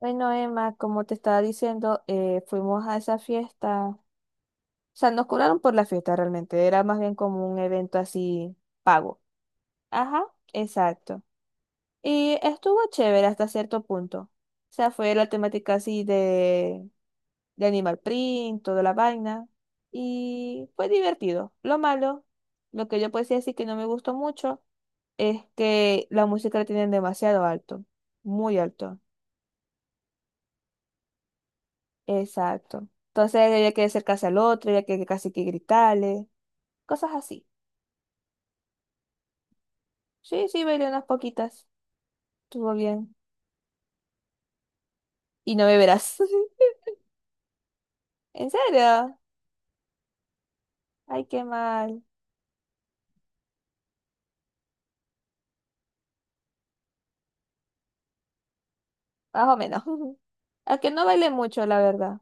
Bueno, Emma, como te estaba diciendo, fuimos a esa fiesta. O sea, nos cobraron por la fiesta realmente. Era más bien como un evento así pago. Ajá, exacto. Y estuvo chévere hasta cierto punto. O sea, fue la temática así de Animal Print, toda la vaina. Y fue divertido. Lo malo, lo que yo puedo decir así que no me gustó mucho, es que la música la tienen demasiado alto. Muy alto. Exacto. Entonces había que acercarse al otro, había que casi que gritarle, cosas así. Sí, sí, bailé unas poquitas. Estuvo bien. ¿Y no beberás? ¿En serio? Ay, qué mal. Más o menos. Aunque no bailé mucho, la verdad.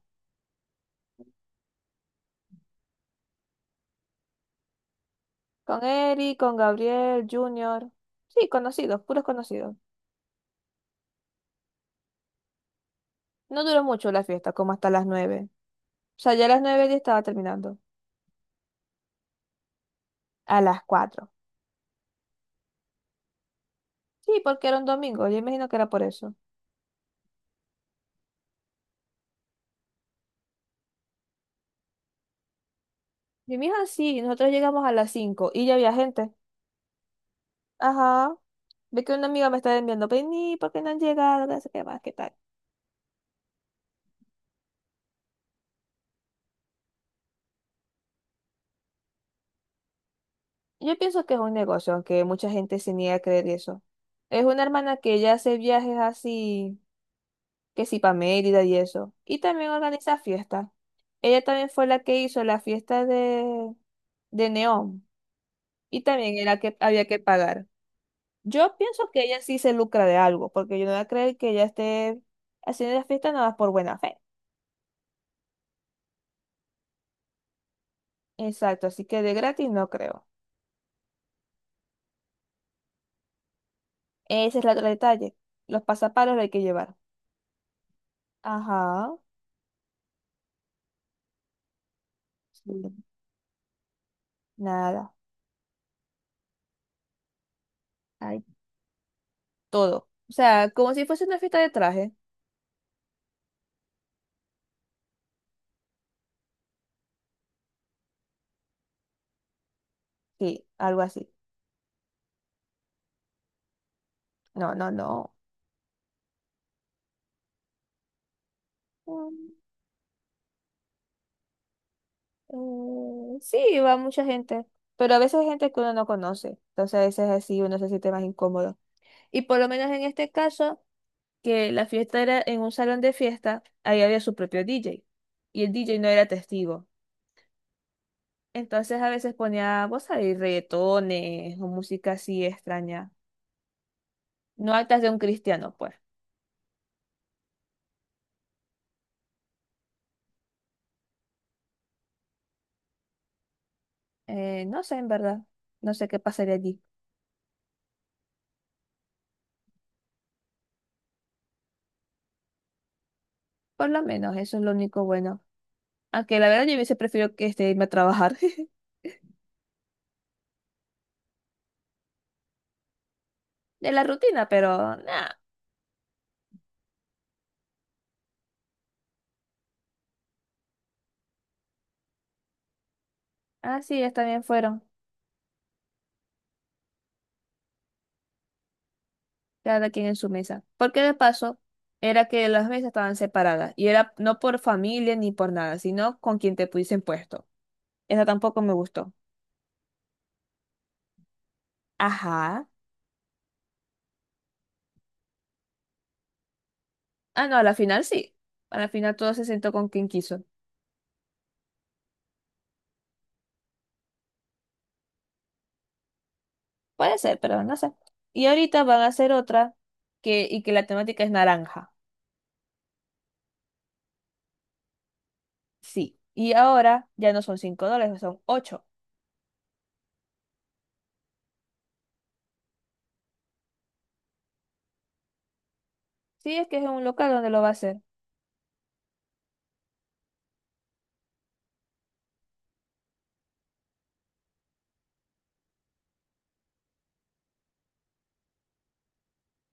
Con Eric, con Gabriel, Junior. Sí, conocidos, puros conocidos. No duró mucho la fiesta, como hasta las 9. O sea, ya a las 9 ya estaba terminando. A las 4. Sí, porque era un domingo. Yo imagino que era por eso. Y mi hija sí, nosotros llegamos a las 5 y ya había gente. Ajá. Ve que una amiga me está enviando, vení, ¿por qué no han llegado? No sé qué más, qué tal. Yo pienso que es un negocio, aunque mucha gente se niega a creer eso. Es una hermana que ya hace viajes así, que sí, para Mérida y eso. Y también organiza fiestas. Ella también fue la que hizo la fiesta de Neón. Y también era que había que pagar. Yo pienso que ella sí se lucra de algo, porque yo no voy a creer que ella esté haciendo la fiesta nada más por buena fe. Exacto, así que de gratis no creo. Ese es el otro detalle. Los pasapalos lo hay que llevar. Ajá. Sí. Nada. Hay todo. O sea, como si fuese una fiesta de traje. Sí, algo así. No, no, no. Mm, sí, va mucha gente. Pero a veces hay gente que uno no conoce. Entonces a veces así uno se siente más incómodo. Y por lo menos en este caso, que la fiesta era en un salón de fiesta, ahí había su propio DJ. Y el DJ no era testigo. Entonces a veces ponía, vos sabés, reggaetones o música así extraña. No altas de un cristiano, pues. No sé, en verdad. No sé qué pasaría allí. Por lo menos, eso es lo único bueno. Aunque la verdad yo hubiese preferido que irme a trabajar de la rutina, pero nada. Así ellas también fueron, cada quien en su mesa. Porque de paso, era que las mesas estaban separadas. Y era no por familia ni por nada, sino con quien te pudiesen puesto. Eso tampoco me gustó. Ajá. Ah, no, a la final sí. A la final todo se sentó con quien quiso. Puede ser, pero no sé. Y ahorita van a hacer otra que, y que la temática es naranja. Sí. Y ahora ya no son $5, son ocho. Sí, es que es en un local donde lo va a hacer.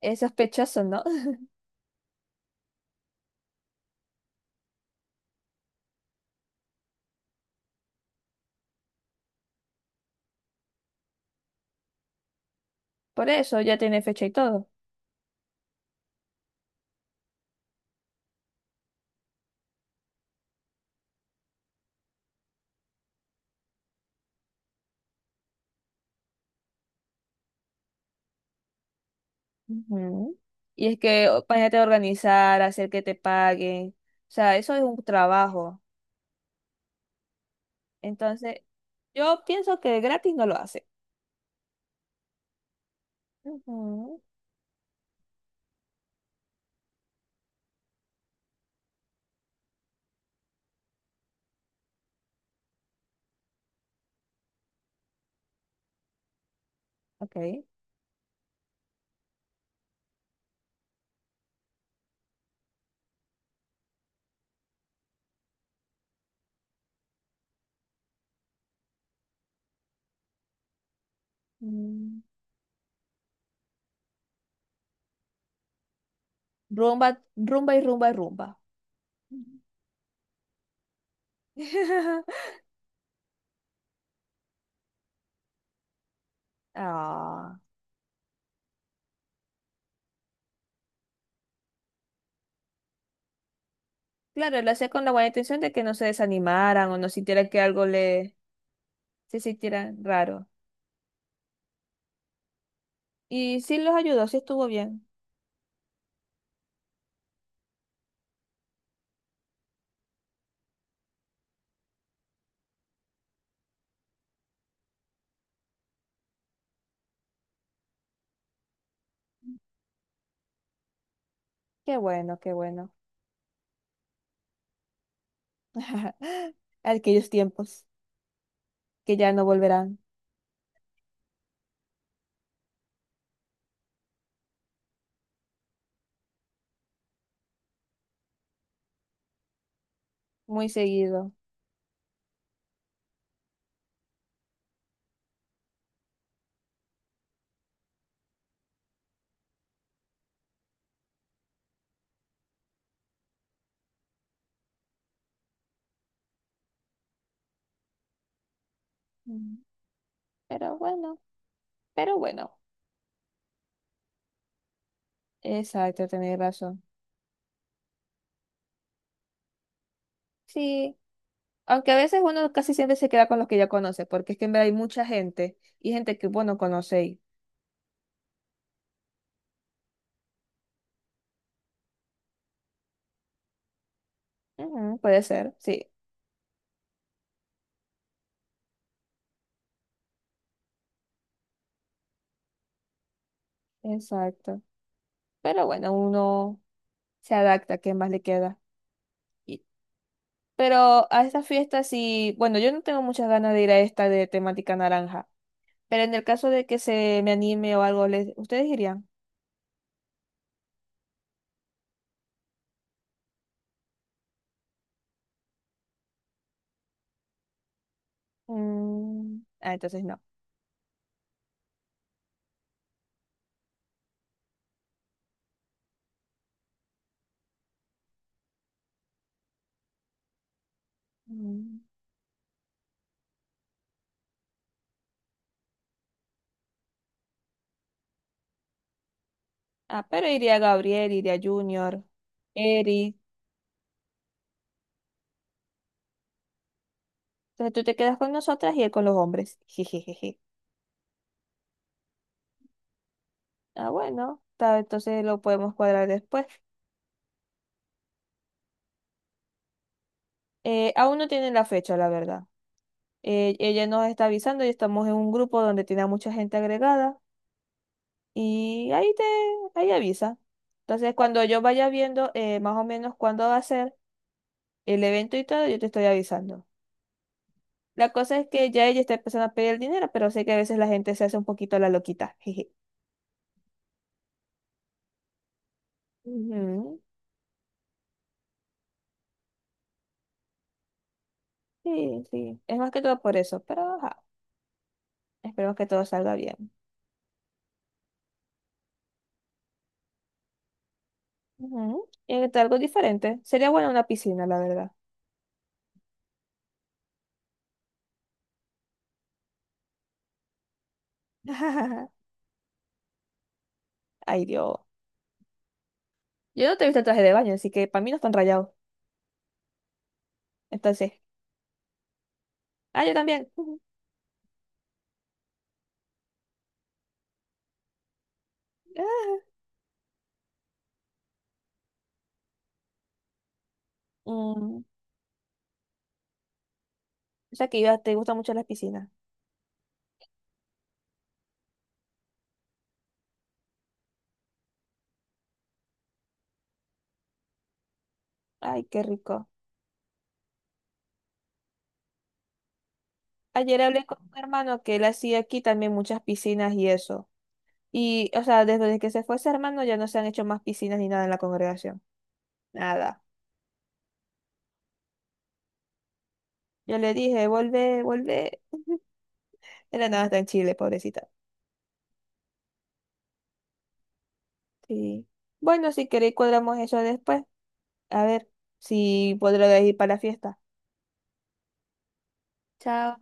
Es sospechoso, ¿no? Por eso ya tiene fecha y todo. Ujú. Y es que imagínate organizar, hacer que te paguen. O sea, eso es un trabajo. Entonces, yo pienso que gratis no lo hace. Ujú. Ok. Mm. Rumba, rumba y rumba y rumba. Ah, claro, lo hacía con la buena intención de que no se desanimaran o no sintieran que algo le se sintiera raro. Y sí los ayudó, sí estuvo bien. Qué bueno, qué bueno. Aquellos tiempos que ya no volverán muy seguido. Mm, Pero bueno, pero bueno. Exacto, tenéis razón. Sí, aunque a veces uno casi siempre se queda con los que ya conoce, porque es que en verdad hay mucha gente y gente que vos no conocéis. Ujú, puede ser, sí, exacto. Pero bueno, uno se adapta, ¿qué más le queda? Y- pero a esta fiesta sí, bueno, yo no tengo muchas ganas de ir a esta de temática naranja, pero en el caso de que se me anime o algo, ¿les- ¿ustedes irían? Ah, entonces no. Mm. Ah, pero iría Gabriel, iría Junior, Eri. Entonces tú te quedas con nosotras y él con los hombres. Jejejeje. Ah, bueno, entonces lo podemos cuadrar después. Aún no tienen la fecha, la verdad. Ella nos está avisando y estamos en un grupo donde tiene a mucha gente agregada y ahí te, ahí avisa. Entonces, cuando yo vaya viendo más o menos cuándo va a ser el evento y todo, yo te estoy avisando. La cosa es que ya ella está empezando a pedir dinero, pero sé que a veces la gente se hace un poquito la loquita. Jeje. Ujú. Sí, sí. Es más que todo por eso, pero ajá, esperemos que todo salga bien. Ujú. Y que algo diferente. Sería buena una piscina, la verdad. Ay, Dios. Yo no te he visto el traje de baño, así que para mí no están rayados. Entonces, ah, yo también. Ujú. Ah. Mm, o sea que te gustan mucho las piscinas. Ay, qué rico. Ayer hablé con un hermano que él hacía aquí también muchas piscinas y eso. Y, o sea, desde que se fue ese hermano ya no se han hecho más piscinas ni nada en la congregación. Nada. Yo le dije, vuelve, vuelve. Era nada, está en Chile, pobrecita. Sí. Bueno, si queréis cuadramos eso después. A ver si podré ir para la fiesta. Chao.